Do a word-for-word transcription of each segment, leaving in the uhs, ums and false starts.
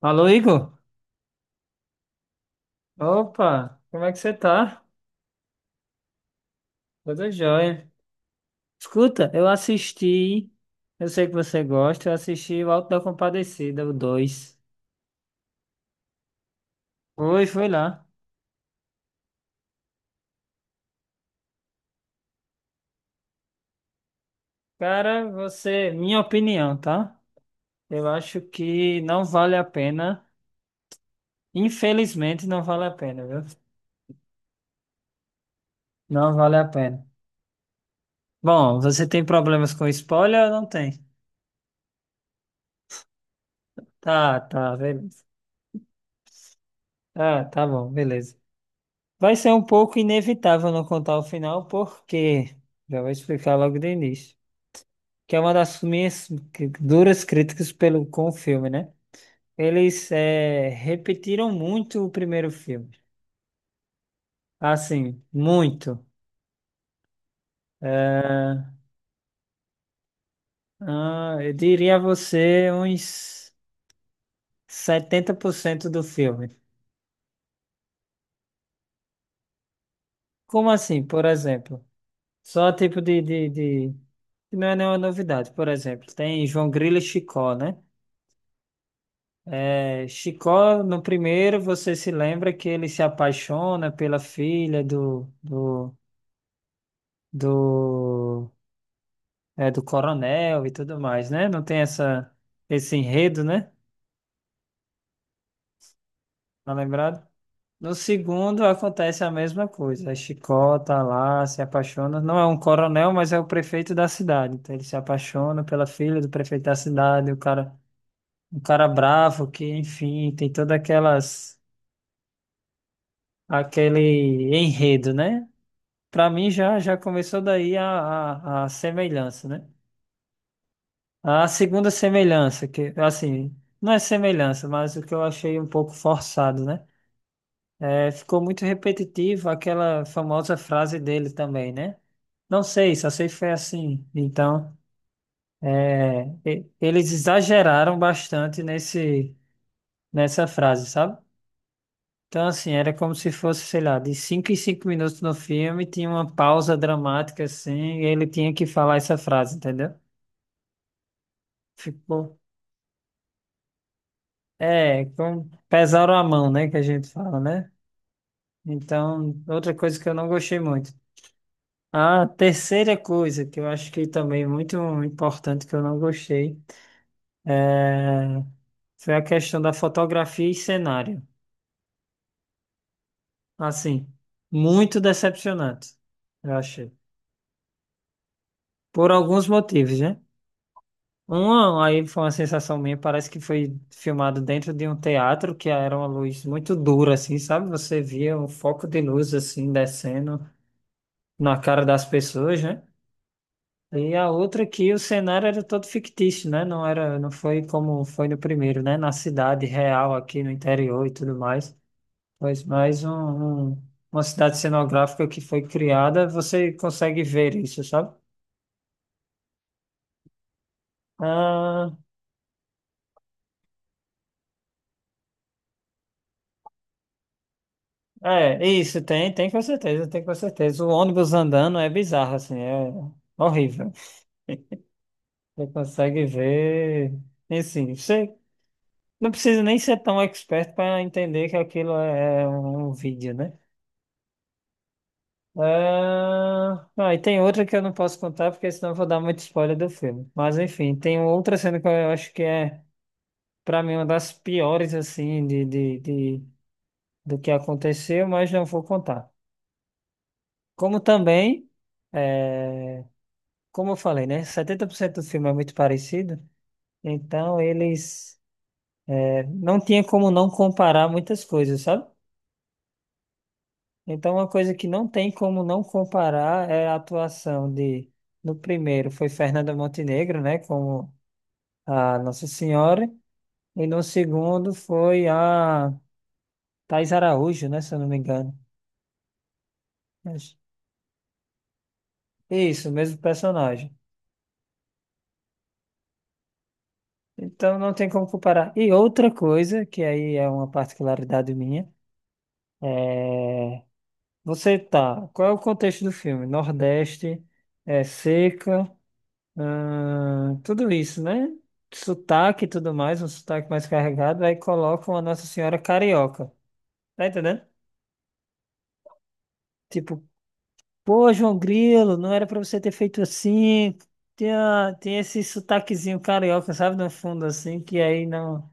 Alô, Igor? Opa, como é que você tá? Tudo jóia. Escuta, eu assisti, eu sei que você gosta, eu assisti o Alto da Compadecida, o dois. Foi, foi lá. Cara, você, minha opinião, tá? Eu acho que não vale a pena. Infelizmente, não vale a pena, viu? Não vale a pena. Bom, você tem problemas com spoiler ou não tem? Tá, tá, beleza. Ah, tá bom, beleza. Vai ser um pouco inevitável não contar o final, porque já vou explicar logo de início. Que é uma das minhas cri- duras críticas pelo, com o filme, né? Eles eh, repetiram muito o primeiro filme. Assim, muito. Ah, eu diria a você uns setenta por cento do filme. Como assim, por exemplo? Só tipo de, de, de... Não é nenhuma novidade. Por exemplo, tem João Grilo e Chicó, né? É, Chicó, no primeiro, você se lembra que ele se apaixona pela filha do, do, do, é, do coronel e tudo mais, né? Não tem essa, esse enredo, né? Tá lembrado? No segundo, acontece a mesma coisa. Chicó tá lá, se apaixona. Não é um coronel, mas é o prefeito da cidade. Então, ele se apaixona pela filha do prefeito da cidade, o cara, um cara bravo que, enfim, tem toda aquelas aquele enredo, né? Para mim já já começou daí a, a, a semelhança, né? A segunda semelhança, que assim, não é semelhança, mas o que eu achei um pouco forçado, né? É, ficou muito repetitivo aquela famosa frase dele também, né? Não sei, só sei que foi assim. Então, é, e- eles exageraram bastante nesse, nessa frase, sabe? Então, assim, era como se fosse, sei lá, de cinco em cinco minutos no filme, tinha uma pausa dramática, assim, e ele tinha que falar essa frase, entendeu? Ficou. É, com... pesaram a mão, né? Que a gente fala, né? Então, outra coisa que eu não gostei muito. A terceira coisa que eu acho que também é muito importante que eu não gostei é... foi a questão da fotografia e cenário. Assim, muito decepcionante, eu achei. Por alguns motivos, né? Uma, aí foi uma sensação minha, parece que foi filmado dentro de um teatro, que era uma luz muito dura, assim, sabe? Você via um foco de luz, assim, descendo na cara das pessoas, né? E a outra que o cenário era todo fictício, né? Não era, não foi como foi no primeiro, né? Na cidade real, aqui no interior e tudo mais. Pois mais um, um- uma cidade cenográfica que foi criada, você consegue ver isso, sabe? Ah, é, isso, tem, tem com certeza, tem com certeza. O ônibus andando é bizarro, assim, é horrível. Você consegue ver, enfim, você não precisa nem ser tão expert para entender que aquilo é é um vídeo, né? Ah, ah, e tem outra que eu não posso contar, porque senão eu vou dar muito spoiler do filme. Mas, enfim, tem outra cena que eu acho que é, para mim, uma das piores, assim, de, de, de, do que aconteceu, mas não vou contar. Como também. É, como eu falei, né? Setenta por cento do filme é muito parecido, então eles é, não tinha como não comparar muitas coisas, sabe? Então, uma coisa que não tem como não comparar é a atuação de, no primeiro foi Fernanda Montenegro, né? Como a Nossa Senhora, e no segundo foi a Thais Araújo, né? Se eu não me engano. Mas- Isso, o mesmo personagem. Então, não tem como comparar. E outra coisa, que aí é uma particularidade minha, é, você tá. Qual é o contexto do filme? Nordeste, é seca, ahn, tudo isso, né? Sotaque e tudo mais, um sotaque mais carregado, aí colocam a Nossa Senhora Carioca. Tá entendendo? Tipo, pô, João Grilo, não era pra você ter feito assim. Tem, a- tem esse sotaquezinho carioca, sabe, no fundo, assim, que aí não.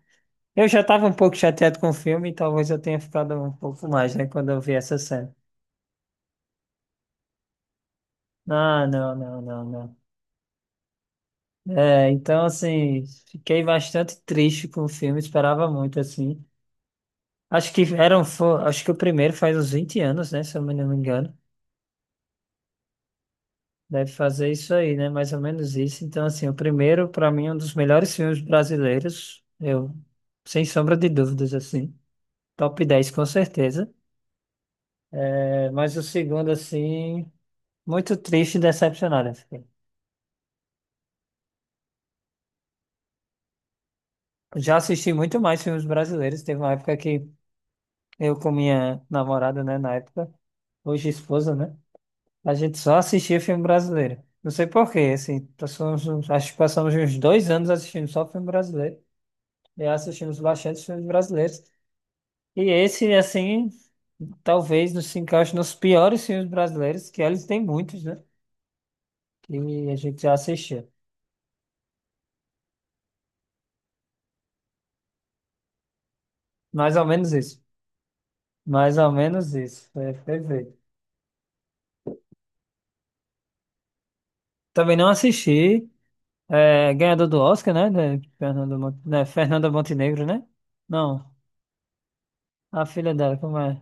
Eu já tava um pouco chateado com o filme, talvez eu tenha ficado um pouco mais, né, quando eu vi essa cena. Não, não, não, não, não. É, então, assim, fiquei bastante triste com o filme, esperava muito, assim. Acho que eram, fo- acho que o primeiro faz uns vinte anos, né, se eu não me engano. Deve fazer isso aí, né, mais ou menos isso. Então, assim, o primeiro, para mim, é um dos melhores filmes brasileiros, eu, sem sombra de dúvidas, assim. Top dez com certeza. É, mas o segundo, assim, muito triste e decepcionado eu fiquei. Já assisti muito mais filmes brasileiros, teve uma época que eu com minha namorada, né, na época, hoje esposa, né? A gente só assistia filme brasileiro. Não sei por quê, assim, passamos, uns- acho que passamos uns dois anos assistindo só filme brasileiro. E assistimos bastante filmes brasileiros. E esse, assim, talvez nos se encaixe nos piores filmes brasileiros, que eles têm muitos, né? Que a gente já assistia. Mais ou menos isso. Mais ou menos isso. É, perfeito. Também não assisti. É, ganhador do Oscar, né? Né, Fernando, Mon- né? Fernanda Montenegro, né? Não. A filha dela, como é?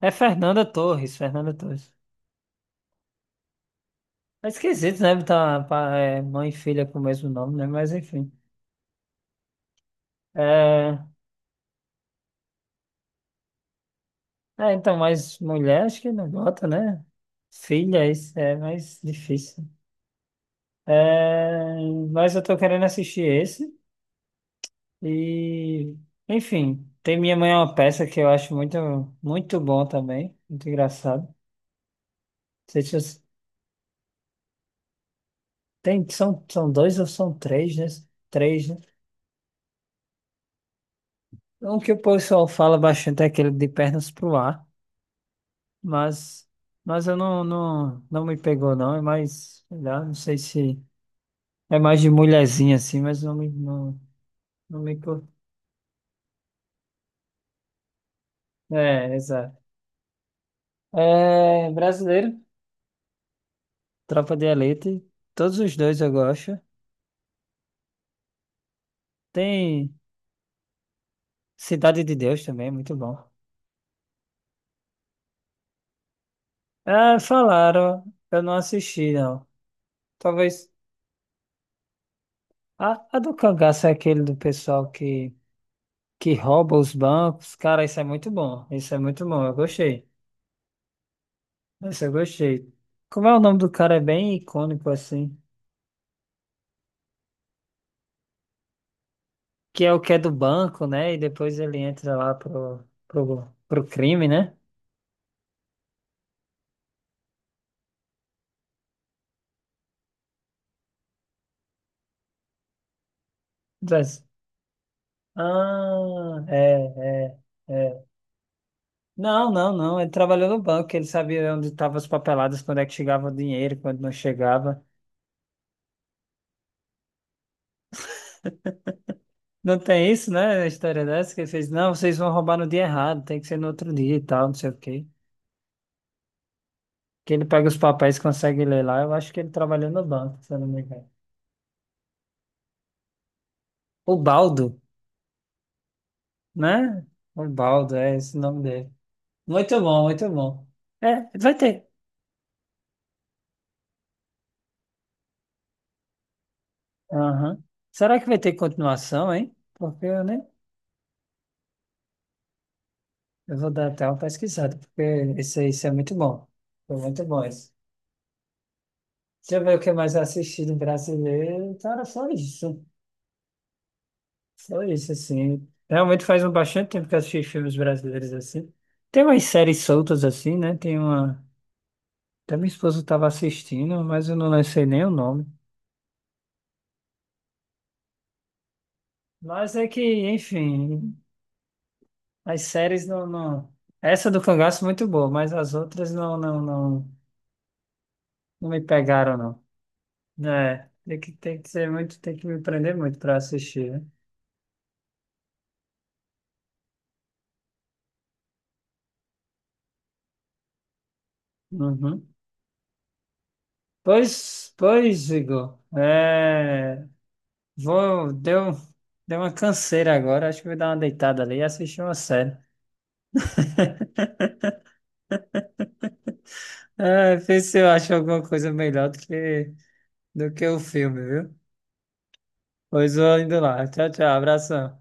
É Fernanda Torres, Fernanda Torres. É esquisito, né? Tá, pa- é, mãe e filha com o mesmo nome, né? Mas enfim. É, é, então, mas mulher acho que não bota, né? Filha, isso é mais difícil. É, mas eu tô querendo assistir esse. E, enfim, tem Minha Mãe é uma peça que eu acho muito, muito bom também. Muito engraçado. Não sei se você- tem, são, são dois ou são três, né? Três, né? Um que o pessoal fala bastante é aquele de pernas pro ar. Mas, mas eu não, não, não me pegou, não. É mais, sei lá, não sei se é mais de mulherzinha assim, mas não me, não, não me. cur- É, exato. É brasileiro, Tropa de Elite. Todos os dois eu gosto. Tem Cidade de Deus também, muito bom. Ah, falaram, eu não assisti, não. Talvez. A, a do cangaço é aquele do pessoal que, que rouba os bancos. Cara, isso é muito bom. Isso é muito bom, eu gostei. Nossa, eu gostei. Como é o nome do cara? É bem icônico assim. Que é o que é do banco, né? E depois ele entra lá pro, pro, pro crime, né? Diz, ah, é, é, é. Não, não, não. Ele trabalhou no banco, ele sabia onde estavam as papeladas, quando é que chegava o dinheiro, quando não chegava. Não tem isso, né? A história dessa que ele fez, não, vocês vão roubar no dia errado, tem que ser no outro dia e tal, não sei o quê. Que ele pega os papéis e consegue ler lá. Eu acho que ele trabalhou no banco, se eu não me engano. O Baldo, né? Osvaldo, é esse o nome dele. Muito bom, muito bom. É, vai ter. Aham. Será que vai ter continuação, hein? Porque eu nem. Eu vou dar até uma pesquisada, porque esse esse é muito bom. Foi muito bom esse. Deixa eu ver o que mais eu assisti do brasileiro. Cara, só isso. Só isso, assim. Realmente faz um bastante tempo que eu assisti filmes brasileiros assim. Tem umas séries soltas assim, né? Tem uma. Até minha esposa estava assistindo, mas eu não sei nem o nome. Mas é que, enfim. As séries não, não. Essa do Cangaço é muito boa, mas as outras não, não, não, não me pegaram, não. É, tem que, tem que ser muito, tem que me prender muito para assistir, né? Uhum. Pois, pois, Igor, é, vou, deu, deu uma canseira agora, acho que vou dar uma deitada ali e assistir uma série. É, ver se eu acho alguma coisa melhor do que, do que o filme, viu? Pois vou indo lá. Tchau, tchau, abração.